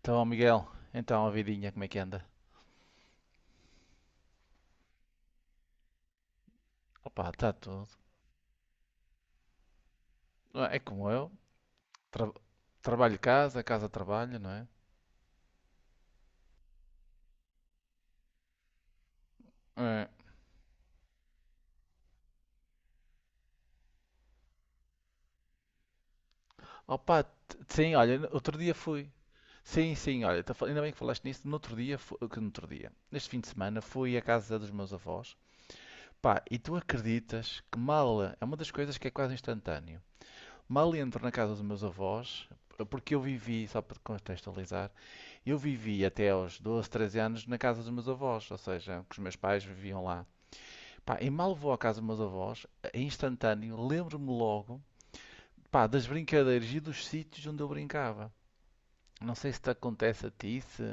Então, Miguel, então a vidinha como é que anda? Opa, está tudo. Ah, é como eu, tra- trabalho casa, casa trabalho, não é? É. Opa, sim, olha, outro dia fui. Sim, sim, olha, ainda bem que falaste nisso. No outro dia, fu- que no outro dia, neste fim de semana, fui à casa dos meus avós. Pá, e tu acreditas que mal, é uma das coisas que é quase instantâneo. Mal entro na casa dos meus avós, porque eu vivi, só para te contextualizar. Eu vivi até aos 12, 13 anos na casa dos meus avós, ou seja, que os meus pais viviam lá. Pá, e mal vou à casa dos meus avós, em instantâneo, lembro-me logo, pá, das brincadeiras e dos sítios onde eu brincava. Não sei se te acontece a ti, se...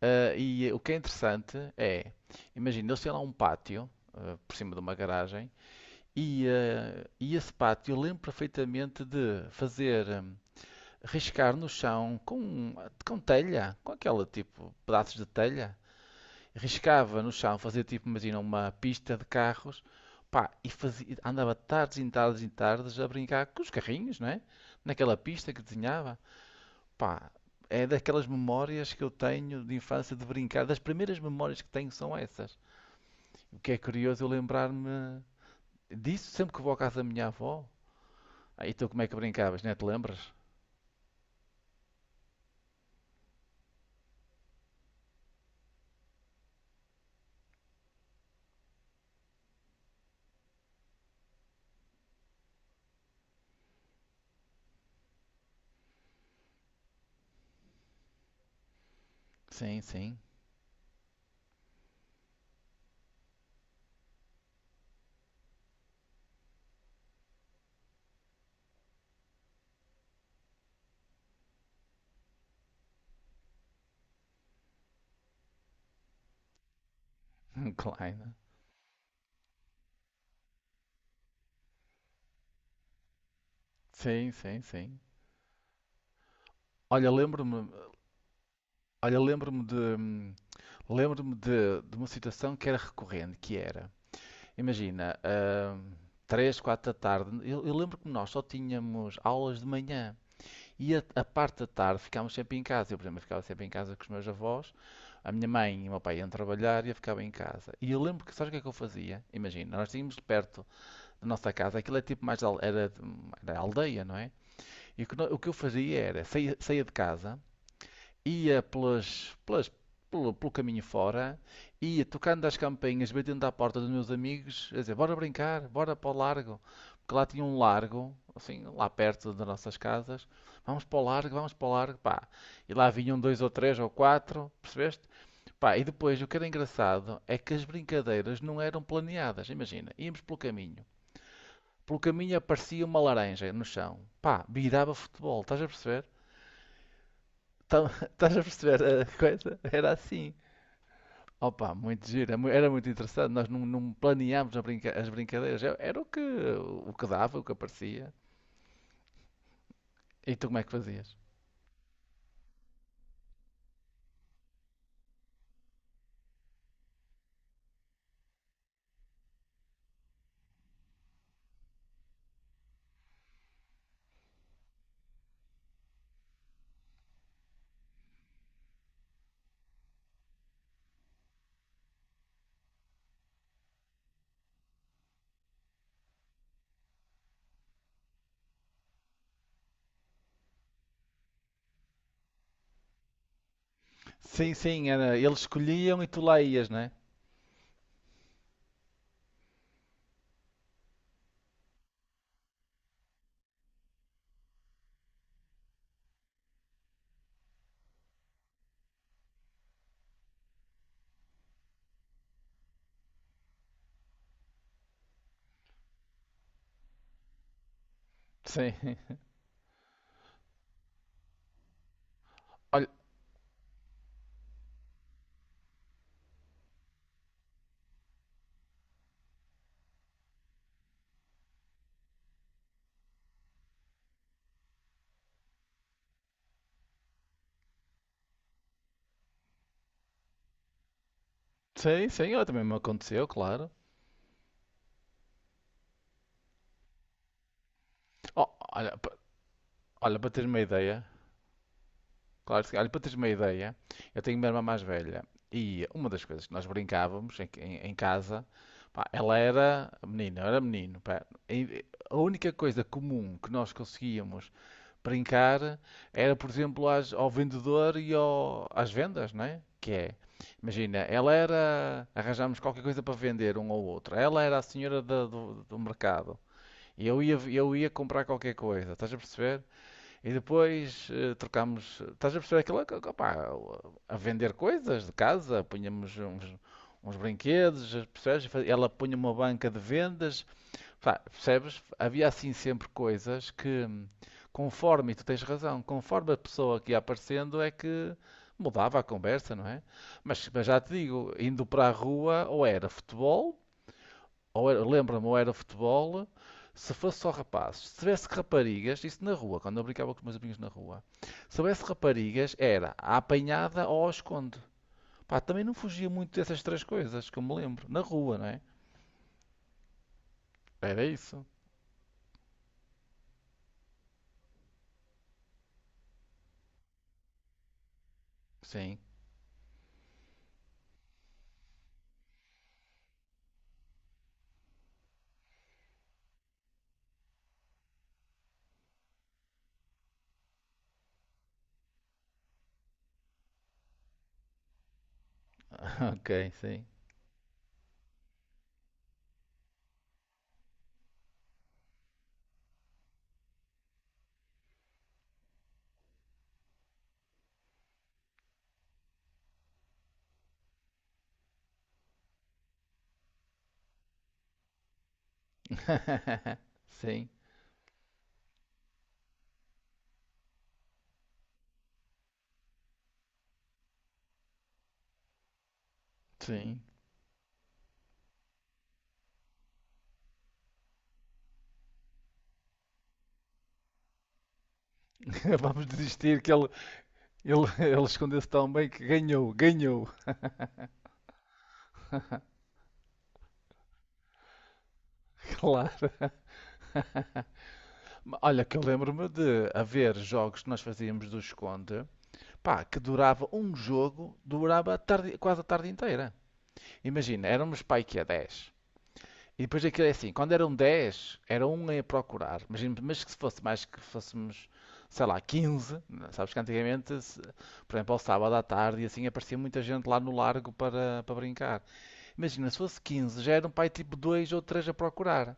Ah, e o que é interessante é, imagina, eles têm lá um pátio, por cima de uma garagem, e esse pátio eu lembro perfeitamente de fazer, riscar no chão com, telha, com aquela tipo, pedaços de telha riscava no chão, fazia tipo, imagina, uma pista de carros, pá, e fazia, andava tardes e tardes e tardes a brincar com os carrinhos, não é? Naquela pista que desenhava, pá, é daquelas memórias que eu tenho de infância de brincar, das primeiras memórias que tenho são essas. O que é curioso eu lembrar-me disso sempre que vou à casa da minha avó. Aí tu como é que brincavas, não é? Te lembras? Sim, sim, claro. Sim, sim, sim. Olha, lembro-me, olha, lembro-me de, lembro-me de, uma situação que era recorrente, que era, imagina, 3, 4 da tarde, eu lembro que nós só tínhamos aulas de manhã e a parte da tarde ficámos sempre em casa. Eu, por exemplo, ficava sempre em casa com os meus avós, a minha mãe e o meu pai iam trabalhar e eu ficava em casa. E eu lembro que, sabes o que é que eu fazia? Imagina, nós tínhamos perto da nossa casa, aquilo é tipo mais, era, aldeia, não é? E o que, o que eu fazia era, saía de casa, ia pelo caminho fora, ia tocando as campainhas, batendo à porta dos meus amigos, a dizer, bora brincar, bora para o largo. Porque lá tinha um largo, assim, lá perto das nossas casas. Vamos para o largo, vamos para o largo, pá. E lá vinham dois ou três ou quatro, percebeste? Pá, e depois o que era engraçado é que as brincadeiras não eram planeadas. Imagina, íamos pelo caminho. Pelo caminho aparecia uma laranja no chão. Pá, virava futebol, estás a perceber? Estás a perceber a coisa? Era assim. Opa, muito giro, era muito interessante. Nós não planeámos as brincadeiras, era o que dava, o que aparecia. E tu como é que fazias? Sim, sim, era, eles escolhiam e tu lá ias, né? Sim. Olha, sim, sim, olha, também me aconteceu, claro. Oh, olha, olha, para teres uma ideia, claro, que sim. Olha, para teres uma ideia, eu tenho uma irmã mais velha e uma das coisas que nós brincávamos em casa, pá, ela era menina, eu era menino, pá, e a única coisa comum que nós conseguíamos brincar era, por exemplo, ao vendedor e às vendas, não é? Que é, imagina, ela era, arranjámos qualquer coisa para vender um ao outro, ela era a senhora do, mercado e eu ia comprar qualquer coisa, estás a perceber? E depois trocámos, estás a perceber aquilo, que, pá, a vender coisas de casa, punhamos uns brinquedos, percebes? Ela punha uma banca de vendas. Pá, percebes? Havia assim sempre coisas que, conforme, e tu tens razão, conforme a pessoa que ia aparecendo é que mudava a conversa, não é? Mas já te digo, indo para a rua, ou era futebol, ou era, lembra-me, ou era futebol, se fosse só rapazes. Se tivesse raparigas, isso na rua, quando eu brincava com os meus amigos na rua, se tivesse raparigas, era a apanhada ou ao esconde. Pá, também não fugia muito dessas três coisas, que eu me lembro, na rua, não é? Era isso. Sim, ok, sim. Sim, sim. Vamos desistir que ele, ele escondeu-se tão bem que ganhou, ganhou, claro. Olha, que eu lembro-me de haver jogos que nós fazíamos do esconde, pá, que durava um jogo, durava quase a tarde inteira. Imagina, éramos pai que é 10. E depois aquilo é assim, quando eram 10 era um a procurar. Imagina, mas que se fosse mais que fôssemos, sei lá, 15, né? Sabes que antigamente, por exemplo, ao sábado à tarde e assim aparecia muita gente lá no largo para brincar. Imagina, se fosse 15, já eram para aí tipo 2 ou 3 a procurar.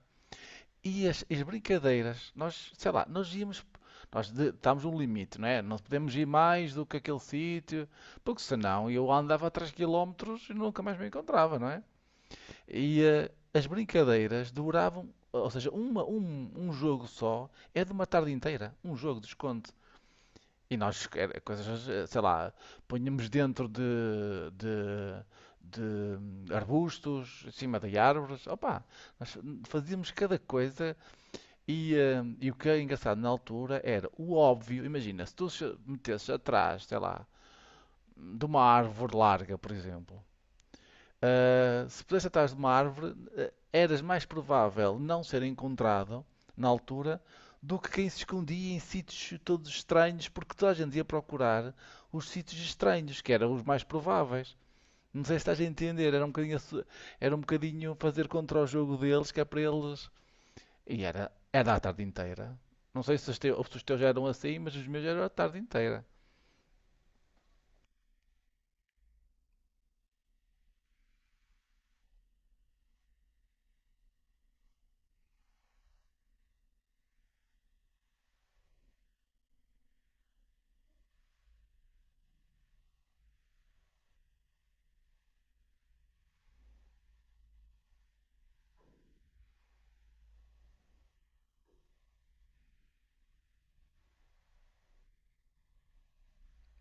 E as brincadeiras, nós, sei lá, nós íamos, estávamos um limite, não é? Não podemos ir mais do que aquele sítio, porque senão eu andava 3 quilómetros e nunca mais me encontrava, não é? E as brincadeiras duravam, ou seja, um jogo só é de uma tarde inteira, um jogo de esconde. E nós, era coisas, sei lá, punhamos dentro de- de arbustos, em cima de árvores. Opa, nós fazíamos cada coisa e o que é engraçado na altura era o óbvio. Imagina, se tu se metesses atrás, sei lá, de uma árvore larga, por exemplo. Se pudesse atrás de uma árvore, eras mais provável não ser encontrado na altura do que quem se escondia em sítios todos estranhos, porque toda a gente ia procurar os sítios estranhos, que eram os mais prováveis. Não sei se estás a entender, era um bocadinho, era um bocadinho fazer contra o jogo deles, que é para eles. E era a tarde inteira. Não sei se se os teus já eram assim, mas os meus já eram a tarde inteira.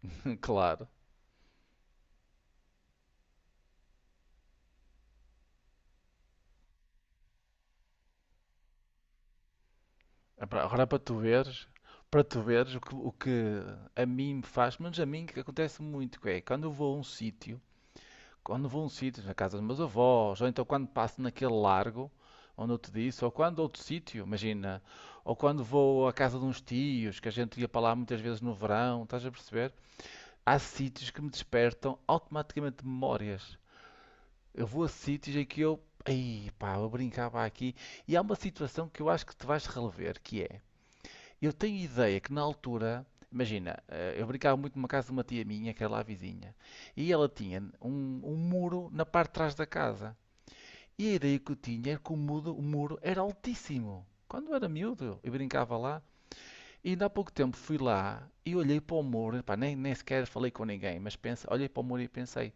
Claro. É pá, agora é para tu veres o que a mim me faz, mas a mim que acontece muito, que é quando eu vou a um sítio, quando vou a um sítio, na casa dos meus avós, ou então quando passo naquele largo, onde eu te disse, ou quando outro sítio, imagina, ou quando vou à casa de uns tios, que a gente ia para lá muitas vezes no verão, estás a perceber? Há sítios que me despertam automaticamente memórias. Eu vou a sítios em que eu, ei pá, eu brincava aqui, e há uma situação que eu acho que te vais relever, que é eu tenho ideia que na altura, imagina, eu brincava muito numa casa de uma tia minha, que era lá vizinha, e ela tinha um muro na parte de trás da casa. E a ideia que eu tinha era que o muro era altíssimo. Quando eu era miúdo, eu brincava lá, e ainda há pouco tempo fui lá e olhei para o muro, pá, nem sequer falei com ninguém, mas pense, olhei para o muro e pensei,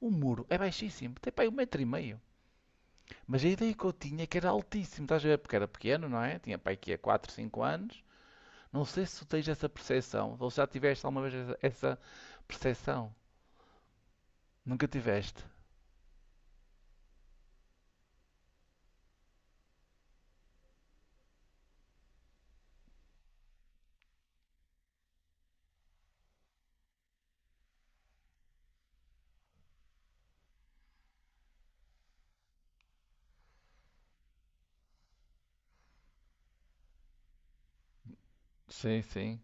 o muro é baixíssimo, tem pá, aí um metro e meio. Mas a ideia que eu tinha é que era altíssimo, estás a ver? Porque era pequeno, não é? Tinha pá, aqui há 4, 5 anos. Não sei se tu tens essa percepção, ou se já tiveste alguma vez essa percepção. Nunca tiveste? Sim, sim.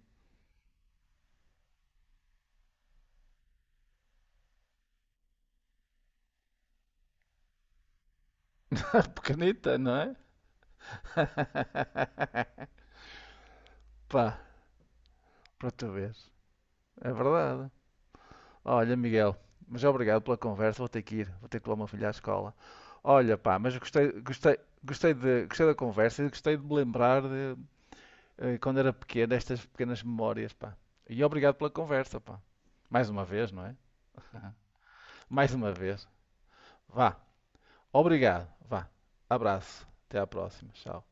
Pequenita, não é? Pá, para tu veres. É verdade. Olha, Miguel, mas obrigado pela conversa. Vou ter que ir, vou ter que levar o meu filho à escola. Olha, pá, mas gostei, da conversa e gostei de me lembrar de quando era pequeno, estas pequenas memórias, pá. E obrigado pela conversa, pá. Mais uma vez, não é? Mais uma vez. Vá. Obrigado. Vá. Abraço. Até à próxima. Tchau.